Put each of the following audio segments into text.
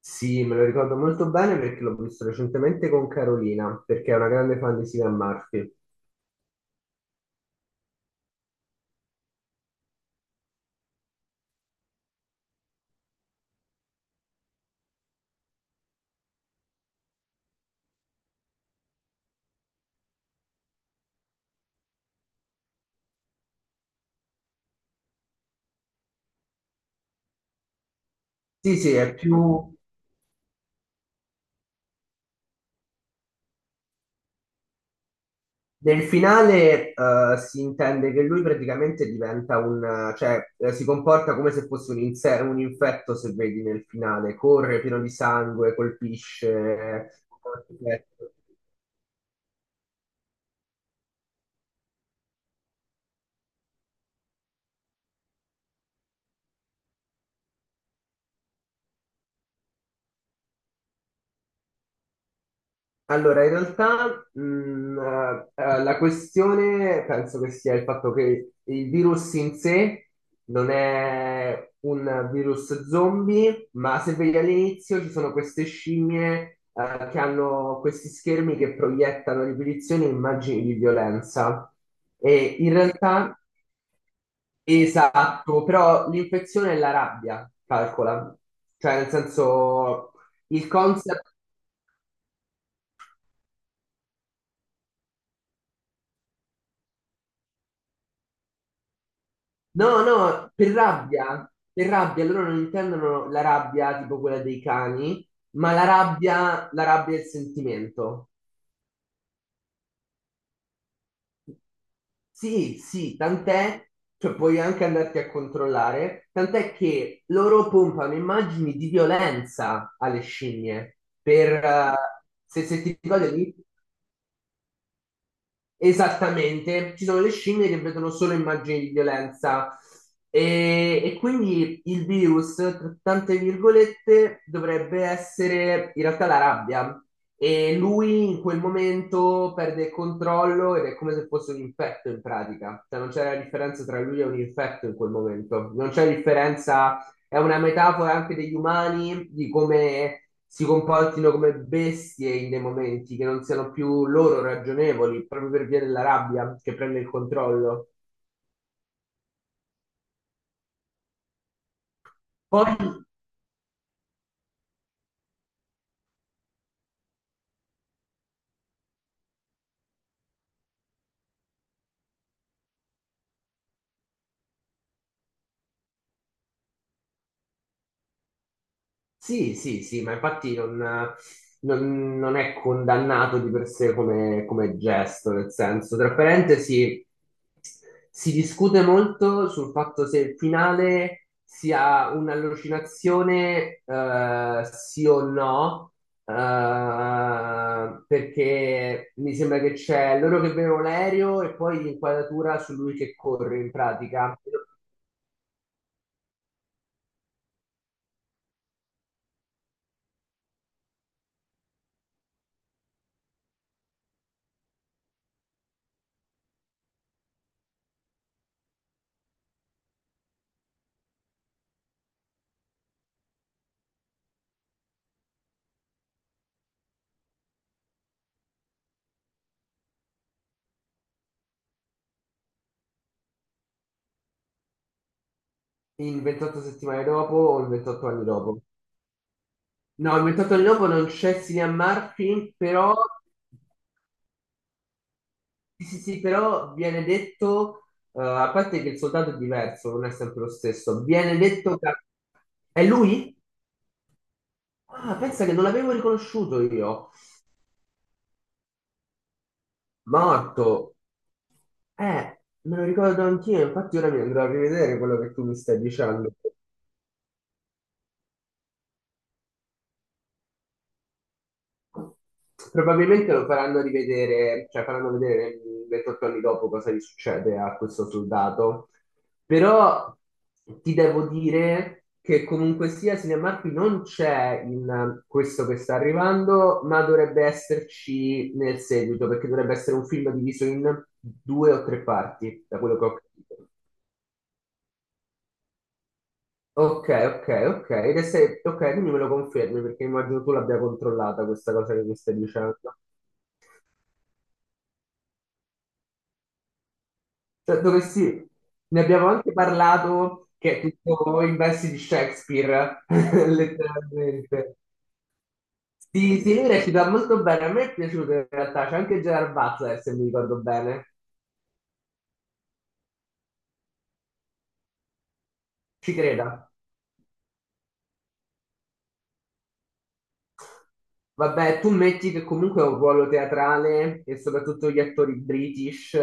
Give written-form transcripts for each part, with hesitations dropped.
Sì, me lo ricordo molto bene perché l'ho visto recentemente con Carolina, perché è una grande fan di Cillian Murphy. Sì, sì, è più... Nel finale, si intende che lui praticamente diventa un... Cioè, si comporta come se fosse un infetto, se vedi nel finale. Corre pieno di sangue, colpisce... Allora, in realtà la questione penso che sia il fatto che il virus in sé non è un virus zombie, ma se vedi all'inizio ci sono queste scimmie che hanno questi schermi che proiettano a ripetizione immagini di violenza. E in realtà, esatto, però l'infezione è la rabbia, calcola. Cioè, nel senso, il concept... No, no, per rabbia, loro non intendono la rabbia tipo quella dei cani, ma la rabbia è il sentimento. Sì, sì, tant'è, cioè puoi anche andarti a controllare, tant'è che loro pompano immagini di violenza alle scimmie, per, se ti ricordi. Esattamente, ci sono le scimmie che vedono solo immagini di violenza e quindi il virus, tra tante virgolette, dovrebbe essere in realtà la rabbia e lui in quel momento perde il controllo ed è come se fosse un infetto in pratica, cioè non c'è la differenza tra lui e un infetto in quel momento, non c'è differenza. È una metafora anche degli umani, di come si comportino come bestie in dei momenti che non siano più loro ragionevoli, proprio per via della rabbia che prende il controllo. Poi. Sì, sì, sì, ma infatti non è condannato di per sé come, come gesto, nel senso, tra parentesi, si discute molto sul fatto se il finale sia un'allucinazione, sì o no, perché mi sembra che c'è loro che vedono l'aereo e poi l'inquadratura su lui che corre in pratica, in 28 settimane dopo o in 28 anni dopo. No, inventato il lupo non c'è Cillian Murphy, però, sì, sì, sì, però viene detto, a parte che il soldato è diverso, non è sempre lo stesso, viene detto che... È lui? Ah, pensa che non l'avevo riconosciuto io. Morto. Me lo ricordo anch'io, infatti ora mi andrò a rivedere quello che tu mi stai dicendo. Probabilmente lo faranno rivedere, cioè faranno vedere 28 anni dopo cosa gli succede a questo soldato. Però ti devo dire che comunque sia Cinemark non c'è in questo che sta arrivando, ma dovrebbe esserci nel seguito, perché dovrebbe essere un film diviso in due o tre parti, da quello che ho capito. Ok, ok, ok. Ed è se... Ok, quindi me lo confermi perché immagino tu l'abbia controllata questa cosa che mi stai dicendo. Cioè, dovessi... Ne abbiamo anche parlato che è tutto in versi di Shakespeare, letteralmente. Sì, sì, lui recita molto bene, a me è piaciuto in realtà, c'è anche Gerard Butler, se mi ricordo bene. Ci creda. Vabbè, tu metti che comunque è un ruolo teatrale e soprattutto gli attori british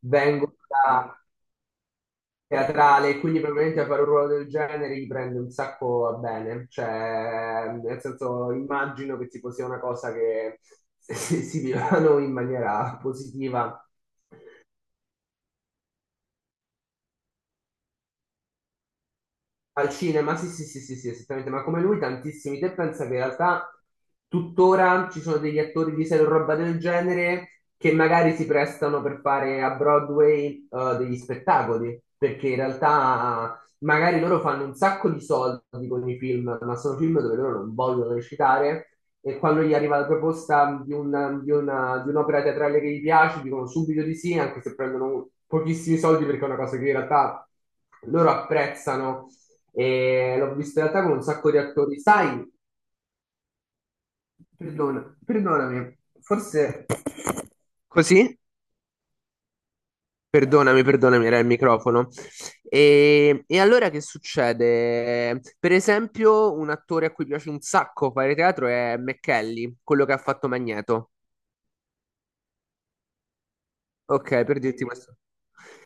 vengono da teatrale, quindi probabilmente fare un ruolo del genere gli prende un sacco a bene, cioè nel senso immagino che tipo sia una cosa che si vivano in maniera positiva. Al cinema, sì, sì, sì, sì, sì, esattamente, ma come lui tantissimi. Te pensa che in realtà tuttora ci sono degli attori di serie o roba del genere che magari si prestano per fare a Broadway degli spettacoli, perché in realtà magari loro fanno un sacco di soldi con i film, ma sono film dove loro non vogliono recitare e quando gli arriva la proposta di un'opera teatrale che gli piace, dicono subito di sì, anche se prendono pochissimi soldi perché è una cosa che in realtà loro apprezzano e l'ho vista in realtà con un sacco di attori. Sai, perdonami, forse così? Perdonami, perdonami, era il microfono. E allora che succede? Per esempio, un attore a cui piace un sacco fare teatro è McKelly, quello che ha fatto Magneto. Ok, per dirti questo.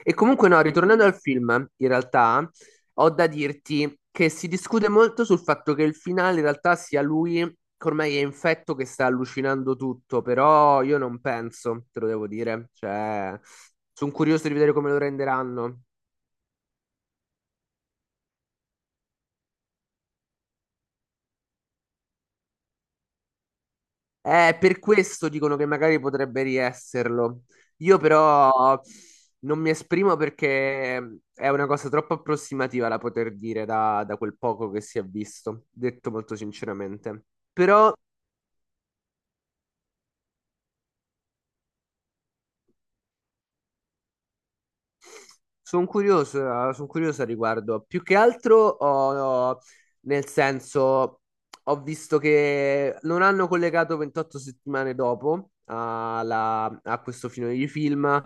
E comunque no, ritornando al film, in realtà ho da dirti che si discute molto sul fatto che il finale in realtà sia lui che ormai è infetto che sta allucinando tutto, però io non penso, te lo devo dire, cioè sono curioso di vedere come lo renderanno. Per questo dicono che magari potrebbe riesserlo. Io però non mi esprimo perché è una cosa troppo approssimativa da poter dire da, da quel poco che si è visto, detto molto sinceramente. Però. Sono curioso al riguardo. Più che altro, ho- nel senso, ho visto che non hanno collegato 28 settimane dopo a questo finale di film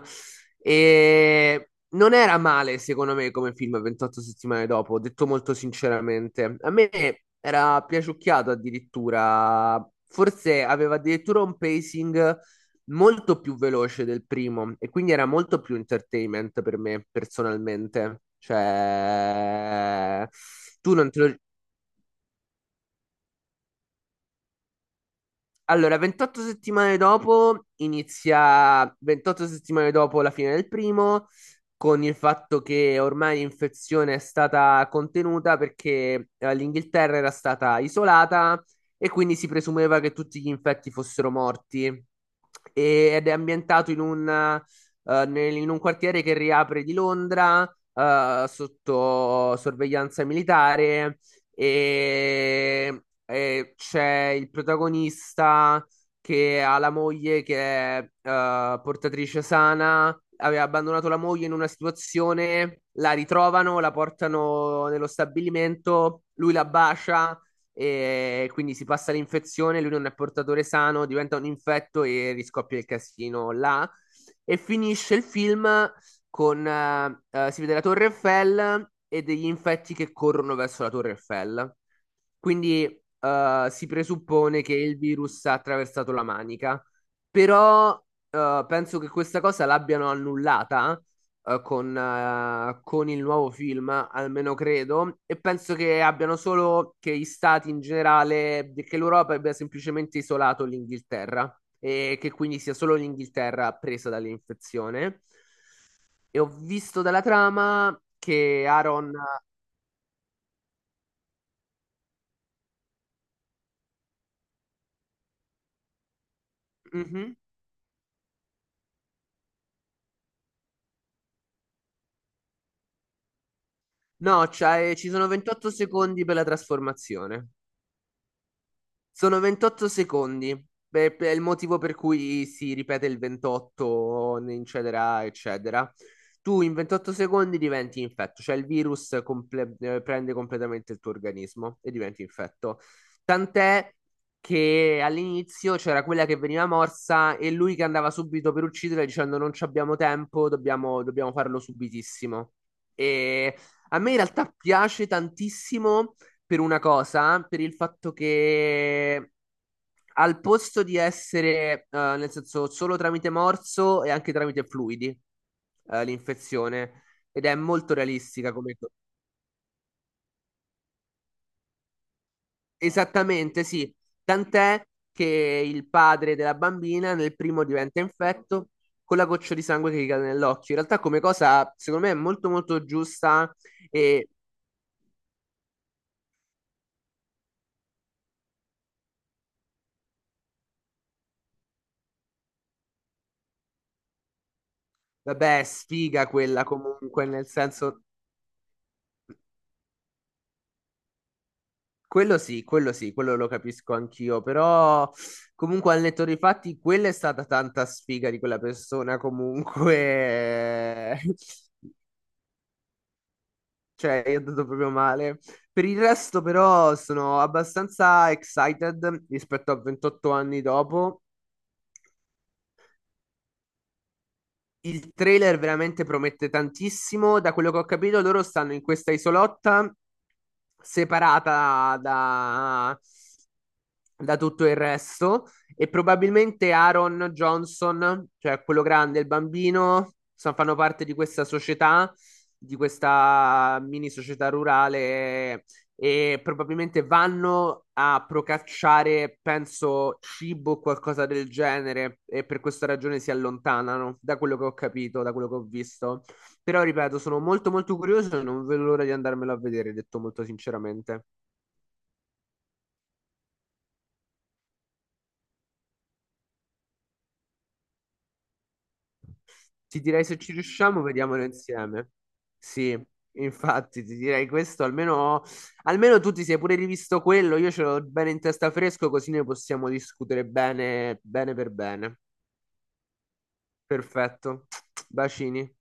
e non era male, secondo me, come film 28 settimane dopo, detto molto sinceramente. A me era piaciucchiato addirittura, forse aveva addirittura un pacing molto più veloce del primo e quindi era molto più entertainment per me personalmente. Cioè, tu non te lo... Allora, 28 settimane dopo inizia, 28 settimane dopo la fine del primo, con il fatto che ormai l'infezione è stata contenuta perché l'Inghilterra era stata isolata e quindi si presumeva che tutti gli infetti fossero morti. Ed è ambientato in un quartiere che riapre di Londra, sotto sorveglianza militare e c'è il protagonista che ha la moglie che è portatrice sana, aveva abbandonato la moglie in una situazione, la ritrovano, la portano nello stabilimento, lui la bacia e quindi si passa l'infezione, lui non è portatore sano, diventa un infetto e riscoppia il casino là. E finisce il film con si vede la Torre Eiffel e degli infetti che corrono verso la Torre Eiffel. Quindi si presuppone che il virus ha attraversato la manica, però penso che questa cosa l'abbiano annullata con il nuovo film, almeno credo, e penso che abbiano solo che gli stati in generale, che l'Europa abbia semplicemente isolato l'Inghilterra. E che quindi sia solo l'Inghilterra presa dall'infezione. E ho visto dalla trama che Aaron... Mhm. No, ci sono 28 secondi per la trasformazione. Sono 28 secondi. Beh, è il motivo per cui si ripete il 28, eccetera, eccetera. Tu in 28 secondi diventi infetto, cioè il virus prende completamente il tuo organismo e diventi infetto. Tant'è che all'inizio c'era quella che veniva morsa e lui che andava subito per uccidere dicendo non ci abbiamo tempo, dobbiamo farlo subitissimo. E a me in realtà piace tantissimo per una cosa, per il fatto che al posto di essere, nel senso, solo tramite morso e anche tramite fluidi, l'infezione, ed è molto realistica come... co- Esattamente, sì. Tant'è che il padre della bambina nel primo diventa infetto con la goccia di sangue che gli cade nell'occhio. In realtà come cosa, secondo me, è molto molto giusta e, vabbè, sfiga quella comunque, nel senso. Quello sì, quello sì, quello lo capisco anch'io, però comunque al netto dei fatti quella è stata tanta sfiga di quella persona comunque, cioè io ho dato proprio male. Per il resto però sono abbastanza excited rispetto a 28 anni dopo. Il trailer veramente promette tantissimo. Da quello che ho capito, loro stanno in questa isolotta separata da, tutto il resto. E probabilmente Aaron Johnson, cioè quello grande, il bambino, fanno parte di questa società, di questa mini società rurale e probabilmente vanno a procacciare, penso, cibo o qualcosa del genere e per questa ragione si allontanano, da quello che ho capito, da quello che ho visto. Però, ripeto, sono molto molto curioso e non vedo l'ora di andarmelo a vedere, detto molto sinceramente. Ti direi se ci riusciamo, vediamolo insieme. Sì, infatti, ti direi questo, almeno, almeno tu ti sei pure rivisto quello, io ce l'ho bene in testa fresco, così ne possiamo discutere bene, bene per bene. Perfetto. Bacini.